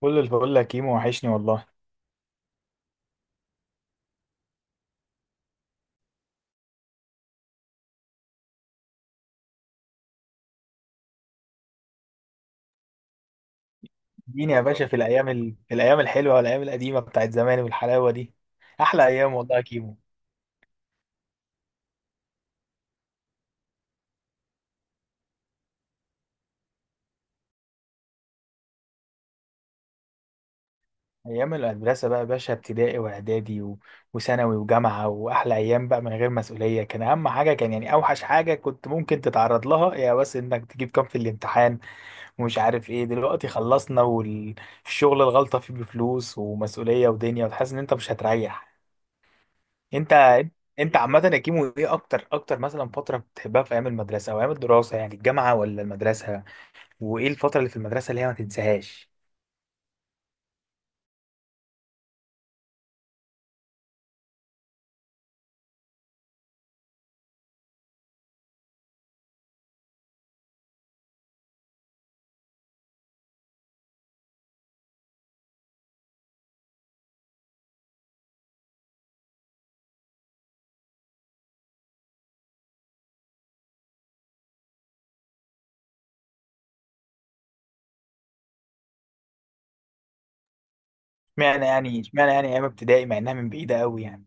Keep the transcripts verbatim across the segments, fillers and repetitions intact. كل الفل يا كيمو، وحشني والله. اديني يا باشا في الايام ال... في الايام الحلوه والايام القديمه بتاعت زمان والحلاوه دي، احلى ايام والله يا كيمو. ايام المدرسه بقى يا باشا، ابتدائي واعدادي و... وثانوي وجامعه، واحلى ايام بقى من غير مسؤوليه. كان اهم حاجه، كان يعني اوحش حاجه كنت ممكن تتعرض لها يا بس انك تجيب كام في الامتحان ومش عارف ايه. دلوقتي خلصنا، والشغل الغلطه فيه بفلوس ومسؤوليه ودنيا، وتحس ان انت مش هتريح. انت انت عامة يا كيمو، ايه اكتر اكتر مثلا فترة بتحبها في ايام المدرسة او ايام الدراسة، يعني الجامعة ولا المدرسة؟ وايه الفترة اللي في المدرسة اللي هي ما تنساهاش؟ اشمعنى يعني اشمعنى يعني ايام ابتدائي مع انها من بعيدة قوي يعني.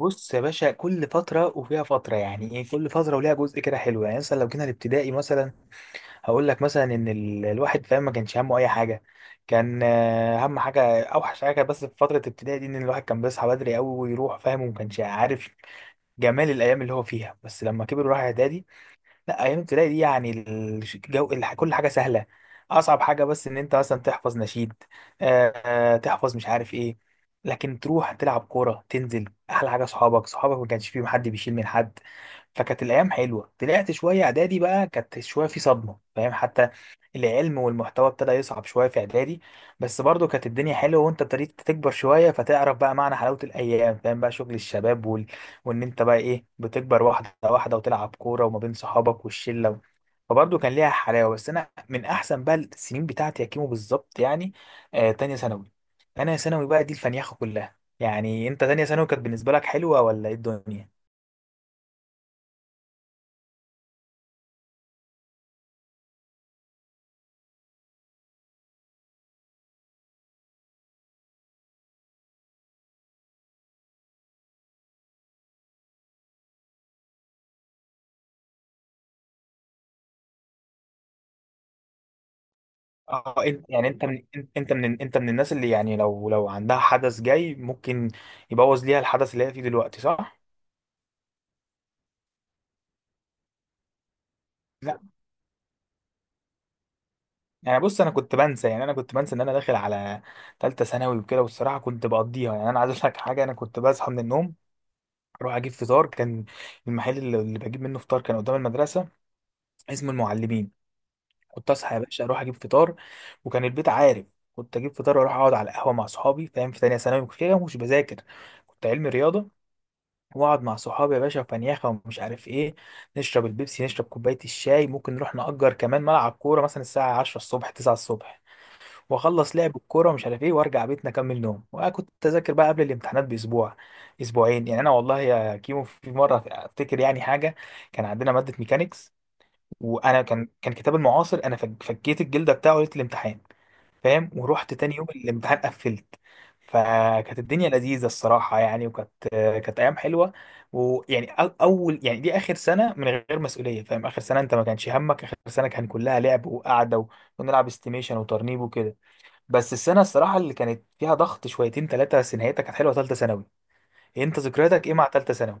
بص يا باشا، كل فترة وفيها فترة يعني ايه، كل فترة وليها جزء كده حلو. يعني مثلا لو جينا الابتدائي مثلا، هقول لك مثلا ان ال... الواحد فاهم ما كانش همه اي حاجة. كان آه، اهم حاجة اوحش حاجة بس في فترة الابتدائي دي ان الواحد كان بيصحى بدري قوي ويروح فاهم، وما كانش عارف جمال الايام اللي هو فيها. بس لما كبر وراح اعدادي، لا، ايام ابتدائي دي يعني الجو الح... كل حاجه سهله. اصعب حاجه بس ان انت مثلا تحفظ نشيد، آه آه، تحفظ مش عارف ايه. لكن تروح تلعب كوره، تنزل. احلى حاجه صحابك، صحابك ما كانش فيهم حد بيشيل من حد. فكانت الايام حلوه. طلعت شويه اعدادي بقى، كانت شويه في صدمه فاهم حتى. العلم والمحتوى ابتدى يصعب شويه في اعدادي. بس برضو كانت الدنيا حلوه، وانت ابتديت تكبر شويه فتعرف بقى معنى حلاوه الايام فاهم، بقى شغل الشباب. وان انت بقى ايه بتكبر واحده واحده وتلعب كوره وما بين صحابك والشله، فبرضه كان ليها حلاوه. بس انا من احسن بقى السنين بتاعتي يا كيمو بالظبط يعني، آه تانية ثانوي. انا ثانوي بقى دي الفنيخه كلها. يعني انت، تانية ثانوي كانت بالنسبه لك حلوه، ولا ايه الدنيا؟ اه، انت يعني انت من انت انت من انت من الناس اللي يعني لو لو عندها حدث جاي ممكن يبوظ ليها الحدث اللي هي فيه دلوقتي، صح؟ يعني بص، انا كنت بنسى يعني انا كنت بنسى ان انا داخل على ثالثه ثانوي وكده، والصراحه كنت بقضيها. يعني انا عايز اقول لك حاجه، انا كنت بصحى من النوم، اروح اجيب فطار. كان المحل اللي اللي بجيب منه فطار كان قدام المدرسه، اسمه المعلمين. كنت اصحى يا باشا اروح اجيب فطار، وكان البيت عارف. كنت اجيب فطار واروح اقعد على القهوه مع صحابي فاهم. في ثانيه ثانوي كنت كده مش بذاكر، كنت علمي رياضه. واقعد مع صحابي يا باشا وفنيخه ومش عارف ايه، نشرب البيبسي، نشرب كوبايه الشاي. ممكن نروح نأجر كمان ملعب كوره مثلا الساعه عشرة الصبح، تسعة الصبح. واخلص لعب الكوره ومش عارف ايه، وارجع بيتنا اكمل نوم. وكنت اذاكر بقى قبل الامتحانات باسبوع اسبوعين. يعني انا والله يا كيمو في مره افتكر يعني حاجه، كان عندنا ماده ميكانيكس، وانا كان كان كتاب المعاصر انا فك- فكيت الجلده بتاعه ليله الامتحان فاهم. ورحت تاني يوم الامتحان قفلت. فكانت الدنيا لذيذه الصراحه يعني، وكانت كانت ايام حلوه. ويعني أو- اول يعني دي اخر سنه من غير مسؤوليه فاهم. اخر سنه انت ما كانش همك، اخر سنه كان كلها لعب وقعده، ونلعب استيميشن وترنيب وكده. بس السنه الصراحه اللي كانت فيها ضغط شويتين ثلاثه، بس نهايتها كانت حلوه، ثالثه ثانوي. إيه، انت ذكرياتك ايه مع ثالثه ثانوي؟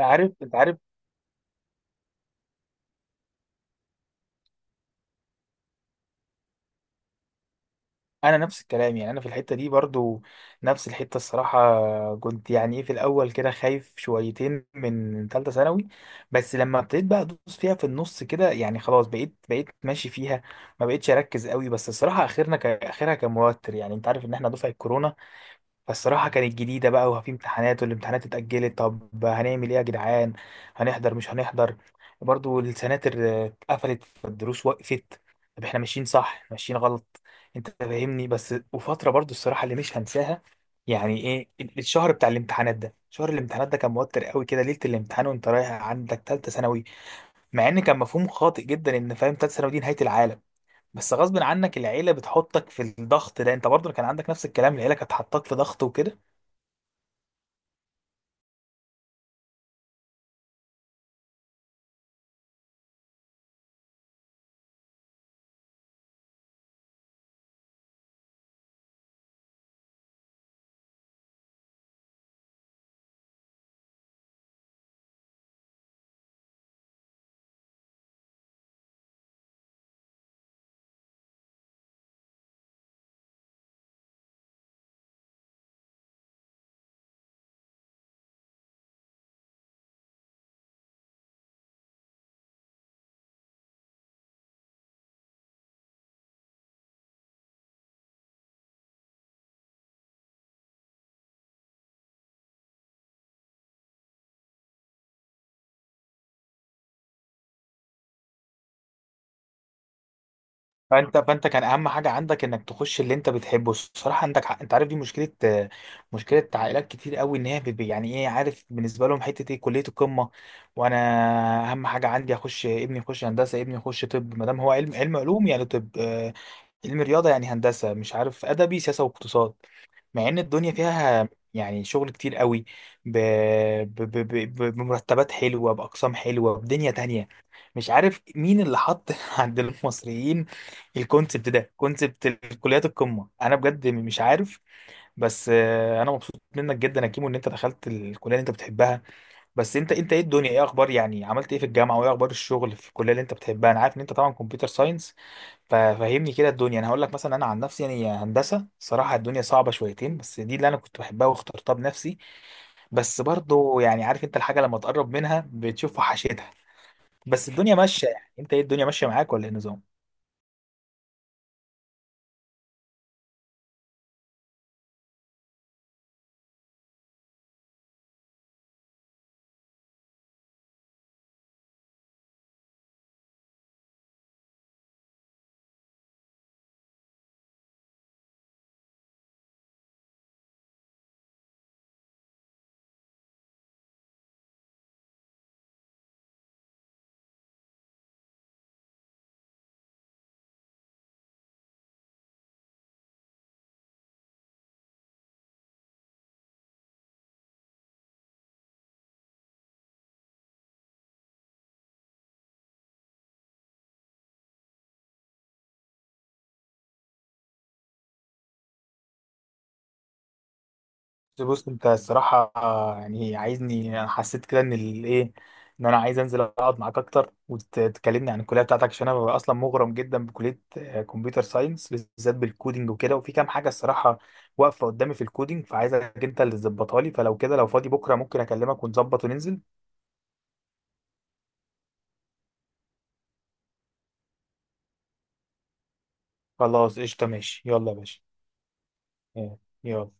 انت عارف انت عارف، انا نفس الكلام. يعني انا في الحته دي برضو نفس الحته الصراحه، كنت يعني ايه في الاول كده خايف شويتين من ثالثه ثانوي. بس لما ابتديت بقى ادوس فيها في النص كده، يعني خلاص بقيت بقيت ماشي فيها، ما بقيتش اركز قوي. بس الصراحه اخرنا ك... اخرها كان موتر. يعني انت عارف ان احنا دفعه كورونا. فالصراحة كانت جديدة بقى، وفي امتحانات، والامتحانات اتأجلت. طب هنعمل ايه يا جدعان؟ هنحضر مش هنحضر؟ برضو السناتر اتقفلت، فالدروس وقفت. طب احنا ماشيين صح ماشيين غلط؟ انت فاهمني. بس وفترة برضو الصراحة اللي مش هنساها، يعني ايه، ال- الشهر بتاع الامتحانات ده، شهر الامتحانات ده كان موتر قوي كده. ليلة الامتحان وانت رايح عندك تالتة ثانوي، مع ان كان مفهوم خاطئ جدا، ان فاهم تالتة ثانوي دي نهاية العالم. بس غصب عنك العيلة بتحطك في الضغط ده. انت برضو كان عندك نفس الكلام، العيلة كانت حطاك في ضغط وكده. فانت فانت كان اهم حاجه عندك انك تخش اللي انت بتحبه. الصراحه عندك حق. انت عارف دي مشكله، آه، مشكله عائلات كتير قوي، ان هي بت- يعني ايه، عارف بالنسبه لهم حته ايه، كليه القمه. وانا اهم حاجه عندي اخش ابني، يخش هندسه، ابني يخش طب، ما دام هو علم، علم علوم يعني، طب آه، علم رياضه يعني هندسه، مش عارف ادبي سياسه واقتصاد. مع ان الدنيا فيها يعني شغل كتير قوي ب... ب... ب... ب... ب- بمرتبات حلوة، بأقسام حلوة، بدنيا تانية. مش عارف مين اللي حط عند المصريين الكونسبت ده، كونسبت الكليات القمة. انا بجد مش عارف. بس آه، انا مبسوط منك جدا يا كيمو ان انت دخلت الكلية اللي انت بتحبها. بس انت انت ايه الدنيا، ايه اخبار؟ يعني عملت ايه في الجامعة؟ وايه اخبار الشغل في الكلية اللي انت بتحبها؟ انا عارف ان انت طبعا كمبيوتر ساينس، ففهمني كده الدنيا. انا هقول لك مثلا، انا عن نفسي يعني هندسه، صراحه الدنيا صعبه شويتين، بس دي اللي انا كنت بحبها واخترتها بنفسي. بس برضو يعني عارف انت، الحاجه لما تقرب منها بتشوف وحشتها. بس الدنيا ماشيه. يعني انت ايه، الدنيا ماشيه معاك ولا ايه النظام؟ بص انت الصراحة، يعني عايزني، انا حسيت كده ان الايه، ان انا عايز انزل اقعد معاك اكتر وتكلمني عن الكلية بتاعتك، عشان انا ببقى اصلا مغرم جدا بكلية آه، كمبيوتر ساينس بالذات، بالكودينج وكده. وفي كام حاجة الصراحة واقفة قدامي في الكودينج، فعايزك انت اللي تظبطها لي. فلو كده، لو فاضي بكرة، ممكن اكلمك ونظبط وننزل. خلاص، قشطة، ماشي، يلا يا باشا. اه، يلا.